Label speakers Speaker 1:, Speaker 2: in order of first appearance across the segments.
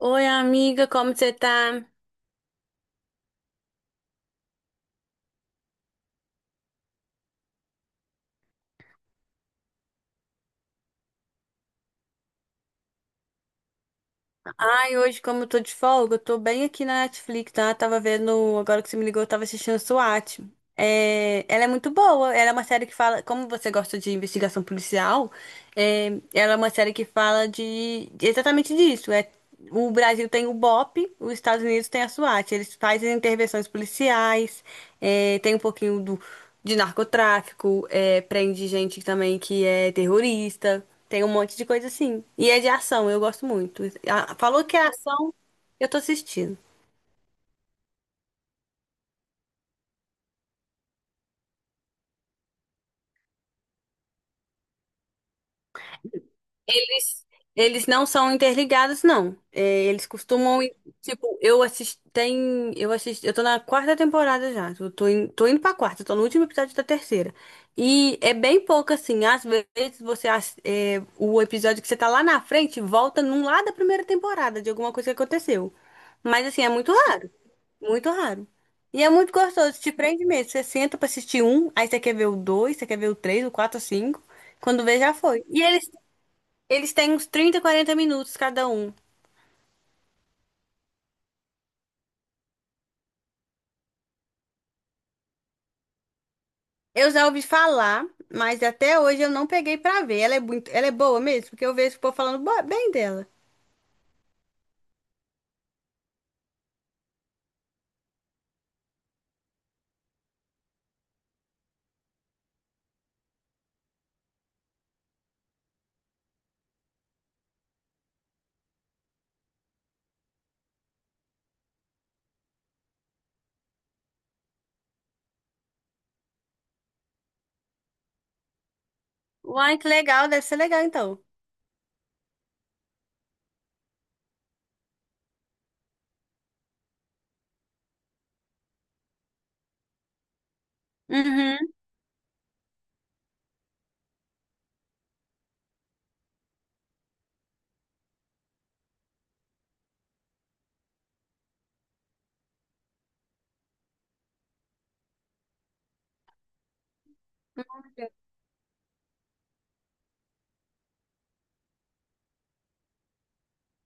Speaker 1: Oi, amiga, como você tá? Ai, hoje, como eu tô de folga, eu tô bem aqui na Netflix, tá? Tava vendo, agora que você me ligou, eu tava assistindo SWAT. É, ela é muito boa. Ela é uma série que fala, como você gosta de investigação policial, é, ela é uma série que fala de exatamente disso. É, o Brasil tem o BOP, os Estados Unidos tem a SWAT. Eles fazem intervenções policiais, tem um pouquinho de narcotráfico, prende gente também que é terrorista, tem um monte de coisa assim. E é de ação, eu gosto muito. A- Falou que é ação, eu tô assistindo. Eles não são interligados, não. É, eles costumam, ir- tipo, eu assisti, tem, eu assisti, eu tô na quarta temporada já. Eu tô, in, tô indo pra quarta, tô no último episódio da terceira. E é bem pouco assim. Às vezes você, ass- é, o episódio que você tá lá na frente volta num lá da primeira temporada de alguma coisa que aconteceu. Mas assim, é muito raro, muito raro. E é muito gostoso, te prende mesmo. Você senta pra assistir um, aí você quer ver o dois, você quer ver o três, o quatro, o cinco. Quando vê, já foi. E eles têm uns 30, 40 minutos cada um. Eu já ouvi falar, mas até hoje eu não peguei pra ver. Ela é muito, ela é boa mesmo, porque eu vejo o povo falando bo- bem dela. Uai, que legal, deve ser legal então. Uhum.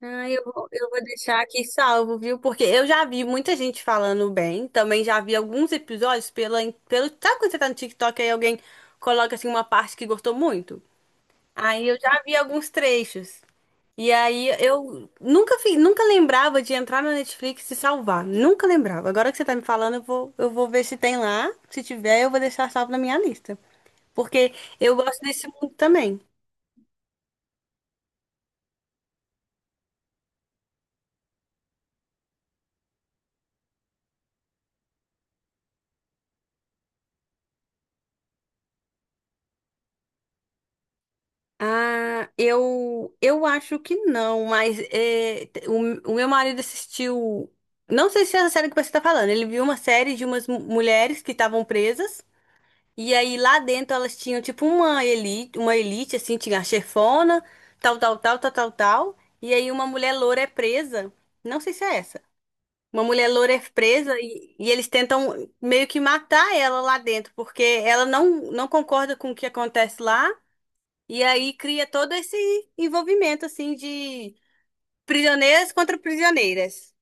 Speaker 1: Ah, eu vou deixar aqui salvo, viu? Porque eu já vi muita gente falando bem. Também já vi alguns episódios pela, pelo. Sabe quando você tá no TikTok e alguém coloca assim uma parte que gostou muito? Aí eu já vi alguns trechos. E aí eu nunca fi- nunca lembrava de entrar na Netflix e salvar. Nunca lembrava. Agora que você tá me falando, eu vou ver se tem lá. Se tiver, eu vou deixar salvo na minha lista. Porque eu gosto desse mundo também. Ah, eu acho que não, mas é, te- o meu marido assistiu. Não sei se é a série que você tá falando. Ele viu uma série de umas mu- mulheres que estavam presas. E aí lá dentro elas tinham tipo uma elite assim, tinha a chefona, tal, tal, tal, tal, tal, tal. E aí uma mulher loura é presa. Não sei se é essa. Uma mulher loura é presa e eles tentam meio que matar ela lá dentro, porque ela não concorda com o que acontece lá. E aí cria todo esse envolvimento assim de prisioneiras contra prisioneiras.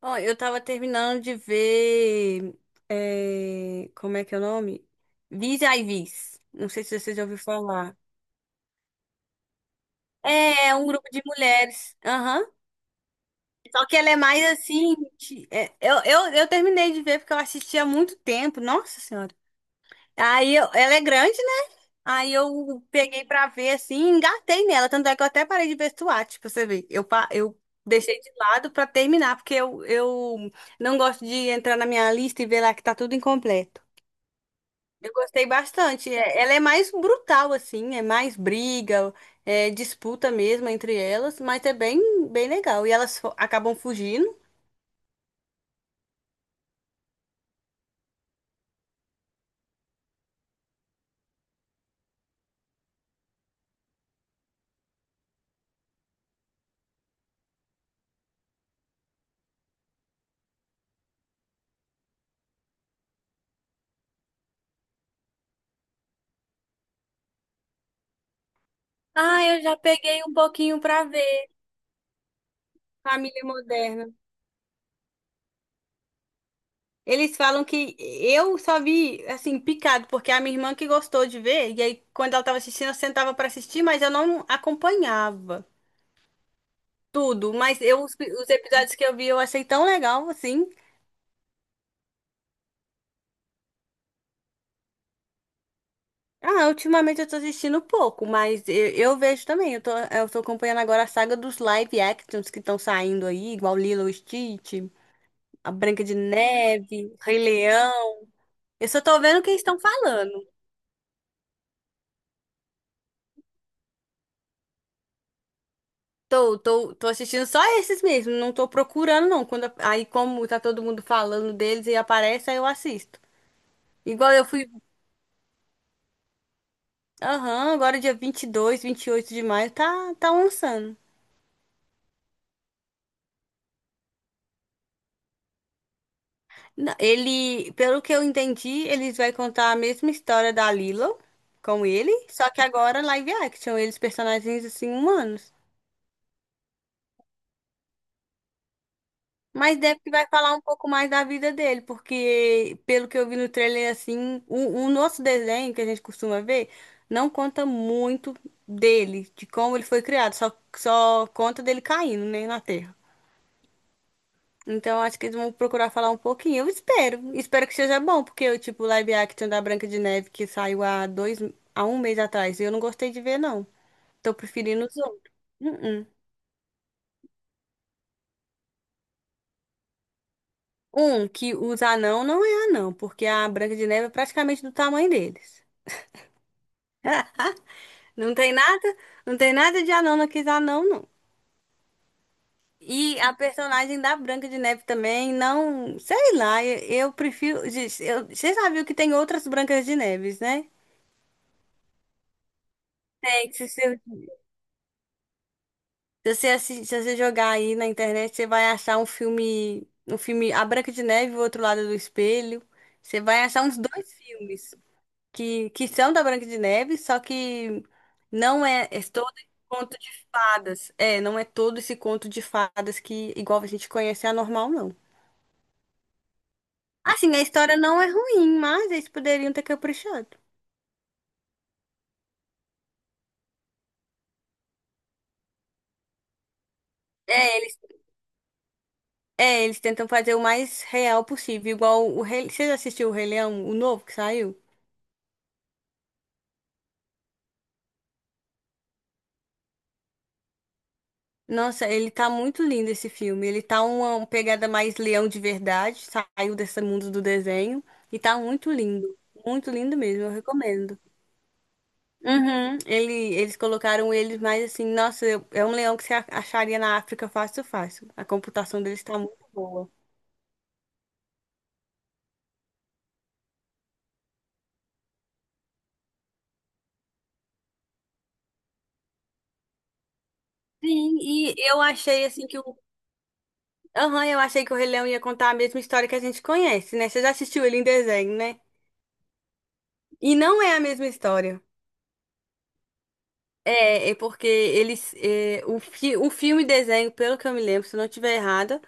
Speaker 1: Ó, eu tava terminando de ver. É, como é que é o nome? Vis a Vis. Não sei se você já ouviu falar. É, é um grupo de mulheres. Aham. Só que ela é mais assim. De- é, eu terminei de ver porque eu assisti há muito tempo. Nossa Senhora. Aí eu- ela é grande, né? Aí eu peguei pra ver assim, e engatei nela. Tanto é que eu até parei de ver SWAT, pra você ver. Eu, pa- eu deixei de lado pra terminar, porque eu não gosto de entrar na minha lista e ver lá que tá tudo incompleto. Eu gostei bastante. É, ela é mais brutal, assim, é mais briga, é disputa mesmo entre elas, mas é bem, bem legal. E elas fo- acabam fugindo. Ah, eu já peguei um pouquinho pra ver. Família moderna. Eles falam que eu só vi, assim, picado, porque é a minha irmã que gostou de ver, e aí quando ela tava assistindo, eu sentava pra assistir, mas eu não acompanhava tudo. Mas eu, os episódios que eu vi, eu achei tão legal, assim. Ah, ultimamente eu tô assistindo pouco, mas eu vejo também. Eu tô acompanhando agora a saga dos live actions que estão saindo aí, igual Lilo e Stitch, a Branca de Neve, Rei Leão. Eu só tô vendo o que eles estão falando. Tô assistindo só esses mesmo, não tô procurando não. Quando, aí como tá todo mundo falando deles e aparece, aí eu assisto. Igual eu fui, aham, agora dia vinte vinte e dois vinte e oito de maio, tá lançando. Não, ele, pelo que eu entendi, eles vai contar a mesma história da Lilo com ele, só que agora live action, eles personagens assim humanos. Mas deve que vai falar um pouco mais da vida dele, porque pelo que eu vi no trailer assim, o nosso desenho que a gente costuma ver não conta muito dele, de como ele foi criado, só conta dele caindo, né, na Terra. Então, acho que eles vão procurar falar um pouquinho. Eu espero. Espero que seja bom, porque o tipo o live action da Branca de Neve que saiu há dois, há um mês atrás, eu não gostei de ver, não. Tô preferindo os outros. Uh-uh. Um, que os anão não é anão, porque a Branca de Neve é praticamente do tamanho deles. Não tem nada, não tem nada de anão naqueles anão, não. E a personagem da Branca de Neve também, não, sei lá, eu prefiro. Gente, eu- você já viu que tem outras Brancas de Neves, né? Tem, se você, assi- se você jogar aí na internet, você vai achar um filme A Branca de Neve e o Outro Lado do Espelho. Você vai achar uns dois filmes que são da Branca de Neve, só que não é, é todo esse conto de fadas. É, não é todo esse conto de fadas que, igual a gente conhece, é anormal, não. Assim, a história não é ruim, mas eles poderiam ter caprichado. É, eles, é, eles tentam fazer o mais real possível, igual o Rei... Você já assistiu o Rei Leão, o novo que saiu? Nossa, ele tá muito lindo esse filme. Ele tá uma pegada mais leão de verdade, saiu desse mundo do desenho e tá muito lindo. Muito lindo mesmo, eu recomendo. Uhum, eles colocaram ele mais assim, nossa, eu- é um leão que você a- acharia na África fácil, fácil. A computação deles tá muito boa. Sim, e eu achei assim que o. Aham, eu achei que o Rei Leão ia contar a mesma história que a gente conhece, né? Você já assistiu ele em desenho, né? E não é a mesma história. É, é porque eles. É, o filme desenho, pelo que eu me lembro, se eu não estiver errada,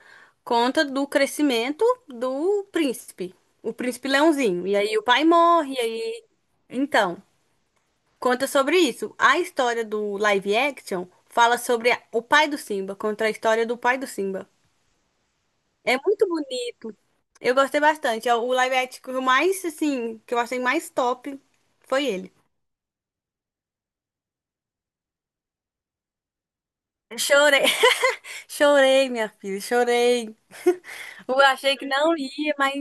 Speaker 1: conta do crescimento do príncipe. O príncipe Leãozinho. E aí o pai morre, e aí. Então, conta sobre isso. A história do live action fala sobre a- o pai do Simba, conta a história do pai do Simba. É muito bonito. Eu gostei bastante. É o live action mais, assim, que eu achei mais top foi ele. Chorei, chorei, minha filha, chorei. Eu achei que não ia, mas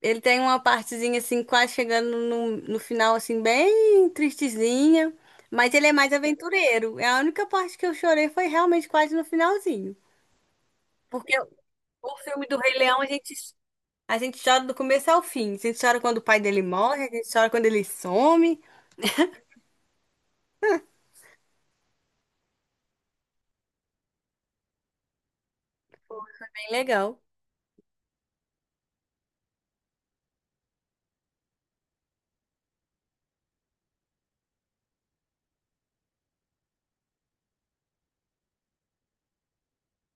Speaker 1: ele tem uma partezinha assim, quase chegando no final, assim, bem tristezinha. Mas ele é mais aventureiro. É a única parte que eu chorei foi realmente quase no finalzinho. Porque o filme do Rei Leão, a gente chora do começo ao fim. A gente chora quando o pai dele morre, a gente chora quando ele some. Bem legal.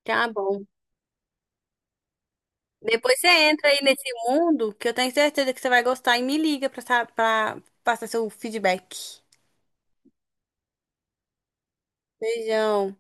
Speaker 1: Tá bom. Depois você entra aí nesse mundo que eu tenho certeza que você vai gostar e me liga pra, sa- pra passar seu feedback. Beijão.